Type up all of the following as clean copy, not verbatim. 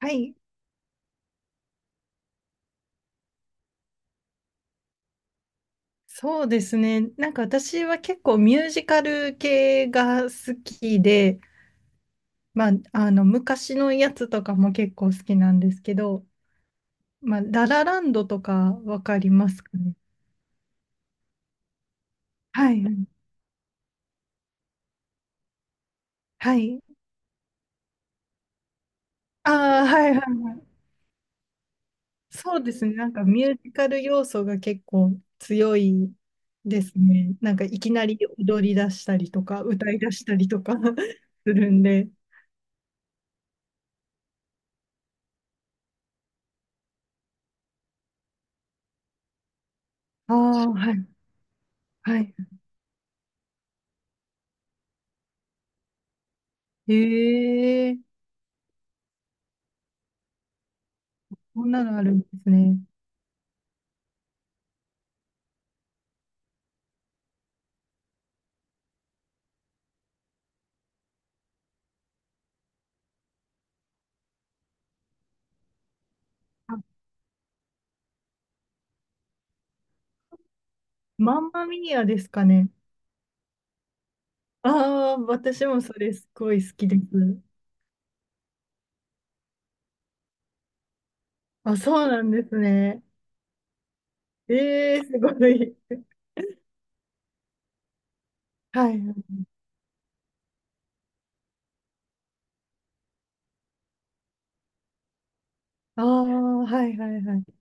はい、そうですね。なんか私は結構ミュージカル系が好きで、まあ、昔のやつとかも結構好きなんですけど、まあ、ララランドとかわかりますかね。はい、はい。ああ、はいはい。そうですね。なんかミュージカル要素が結構強いですね。なんかいきなり踊り出したりとか、歌い出したりとか するんで。ああ、はい、はい。へえ、こんなのあるんですね。あ、マンマミーアですかね。ああ、私もそれすごい好きです。あ、そうなんですね。ええ、すごい。はい。ああ、はいはいはい。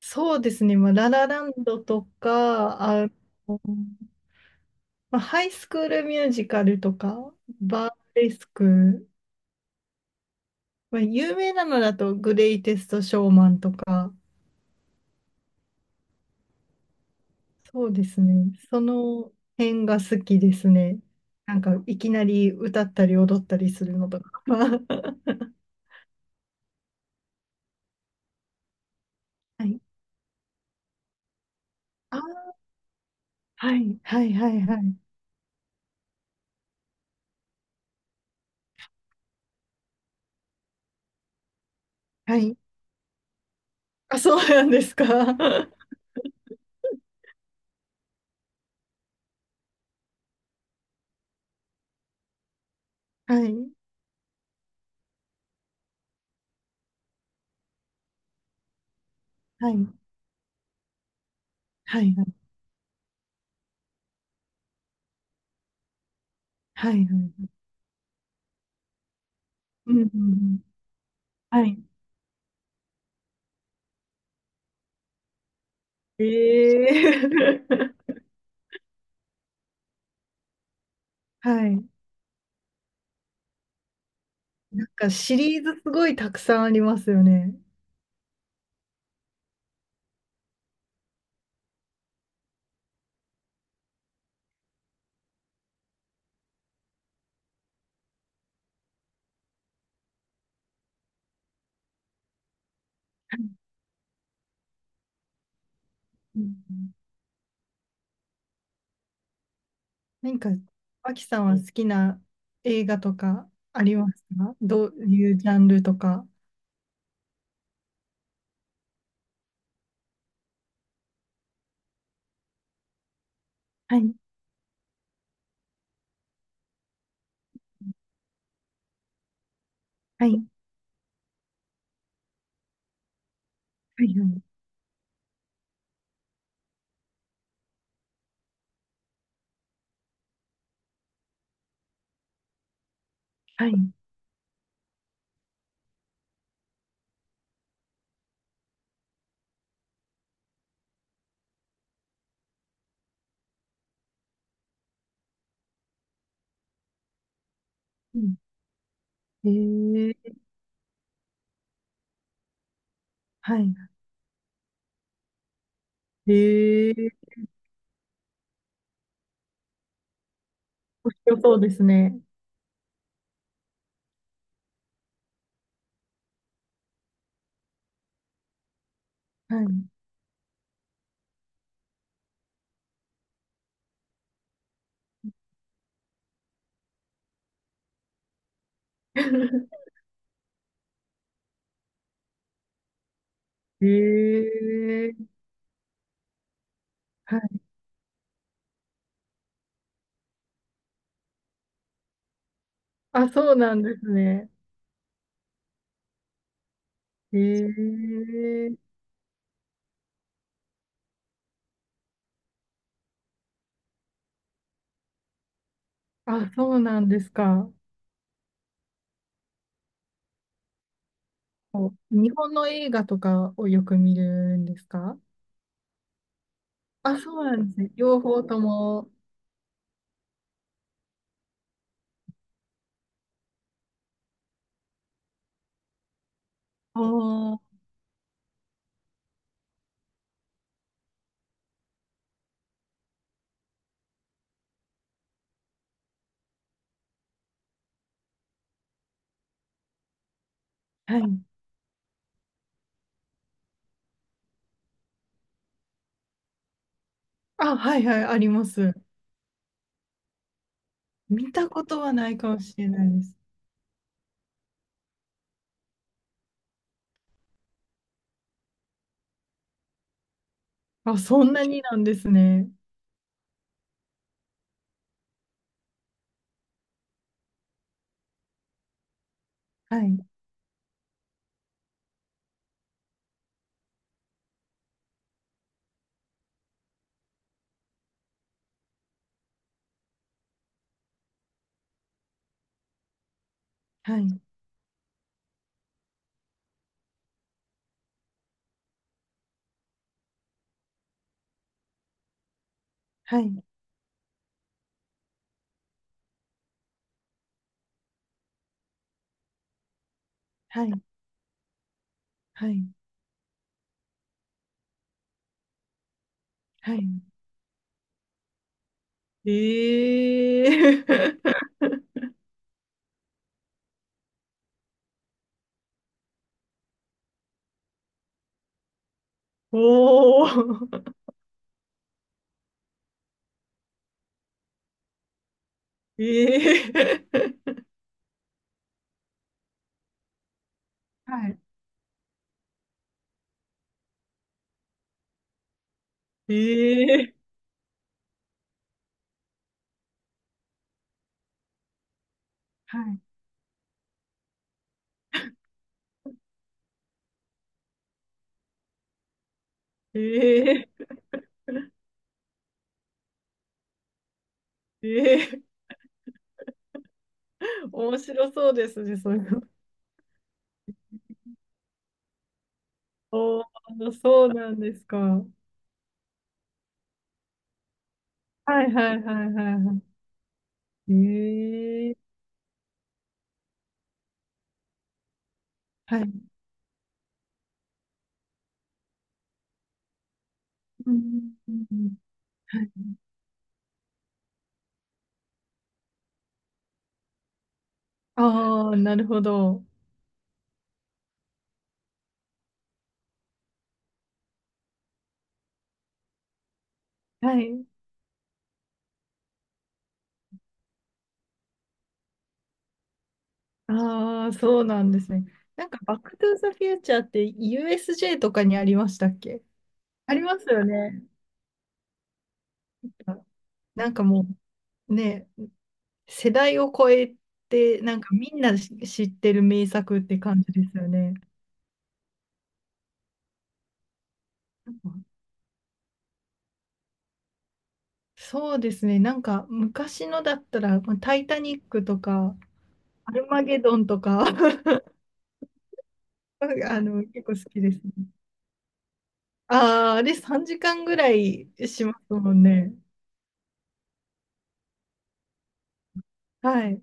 そうですね。まあ、ララランドとか、の、まあ、ハイスクールミュージカルとか、バーレスク、まあ、有名なのだとグレイテストショーマンとか、そうですね。その辺が好きですね。なんか、いきなり歌ったり踊ったりするのとか。はい。あ、はい、はい、はい、はい。はい。あ、そうなんですか。はい、はい、はい、はい、はい。はい、うん、うんうん。はい。ええ はい。なんか、シリーズすごいたくさんありますよね。なんうん何か、脇さんは好きな映画とかありますか、どういうジャンルとか。はい、はい、はい、はい、はい、うん。ええ、はい。ええ、面白そうですね。はい。ええ、はい。あ、そうなんですね。ええ、あ、そうなんですか。こう日本の映画とかをよく見るんですか。あ、そうなんですね。両方とも。おー、はい。あ、はいはい、あります。見たことはないかもしれないです。あ、そんなになんですね。はい、はい、はい。はい、はい、はい。ええ おー、ええ、はい、ええ、はい、ええ ええ、面白そうですね、そういうの。おー、そうなんですか。はい、はい、はい、はい、はい。ええ、はい。うんうんうんうん、はい。ああ、なるほど。はい。ああ、そうなんですね。なんか、バックトゥーザフューチャーって USJ とかにありましたっけ。ありますよね。なんかもう、ね、世代を超えて、なんかみんなし知ってる名作って感じですよね。なんかそうですね、なんか昔のだったら、まあタイタニックとか、アルマゲドンとか、あの、結構好きですね。ああ、あれ3時間ぐらいしますもんね。はい。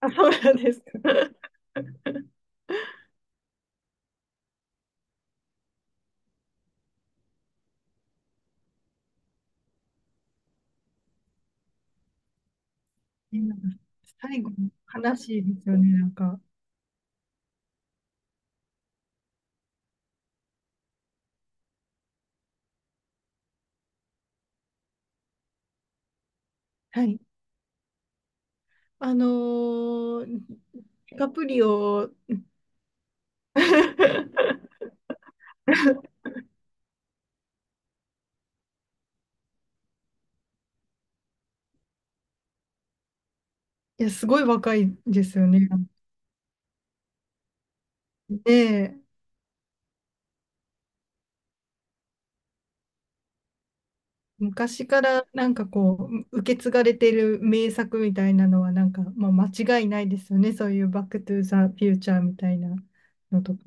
あ、そうなんですか。なんか最後、悲しいですよね、なんか。はい。あのー、ディカプリオ、いや、すごい若いですよね。で、昔からなんかこう、受け継がれてる名作みたいなのは、なんか、まあ、間違いないですよね。そういうバックトゥーザフューチャーみたいなのとか。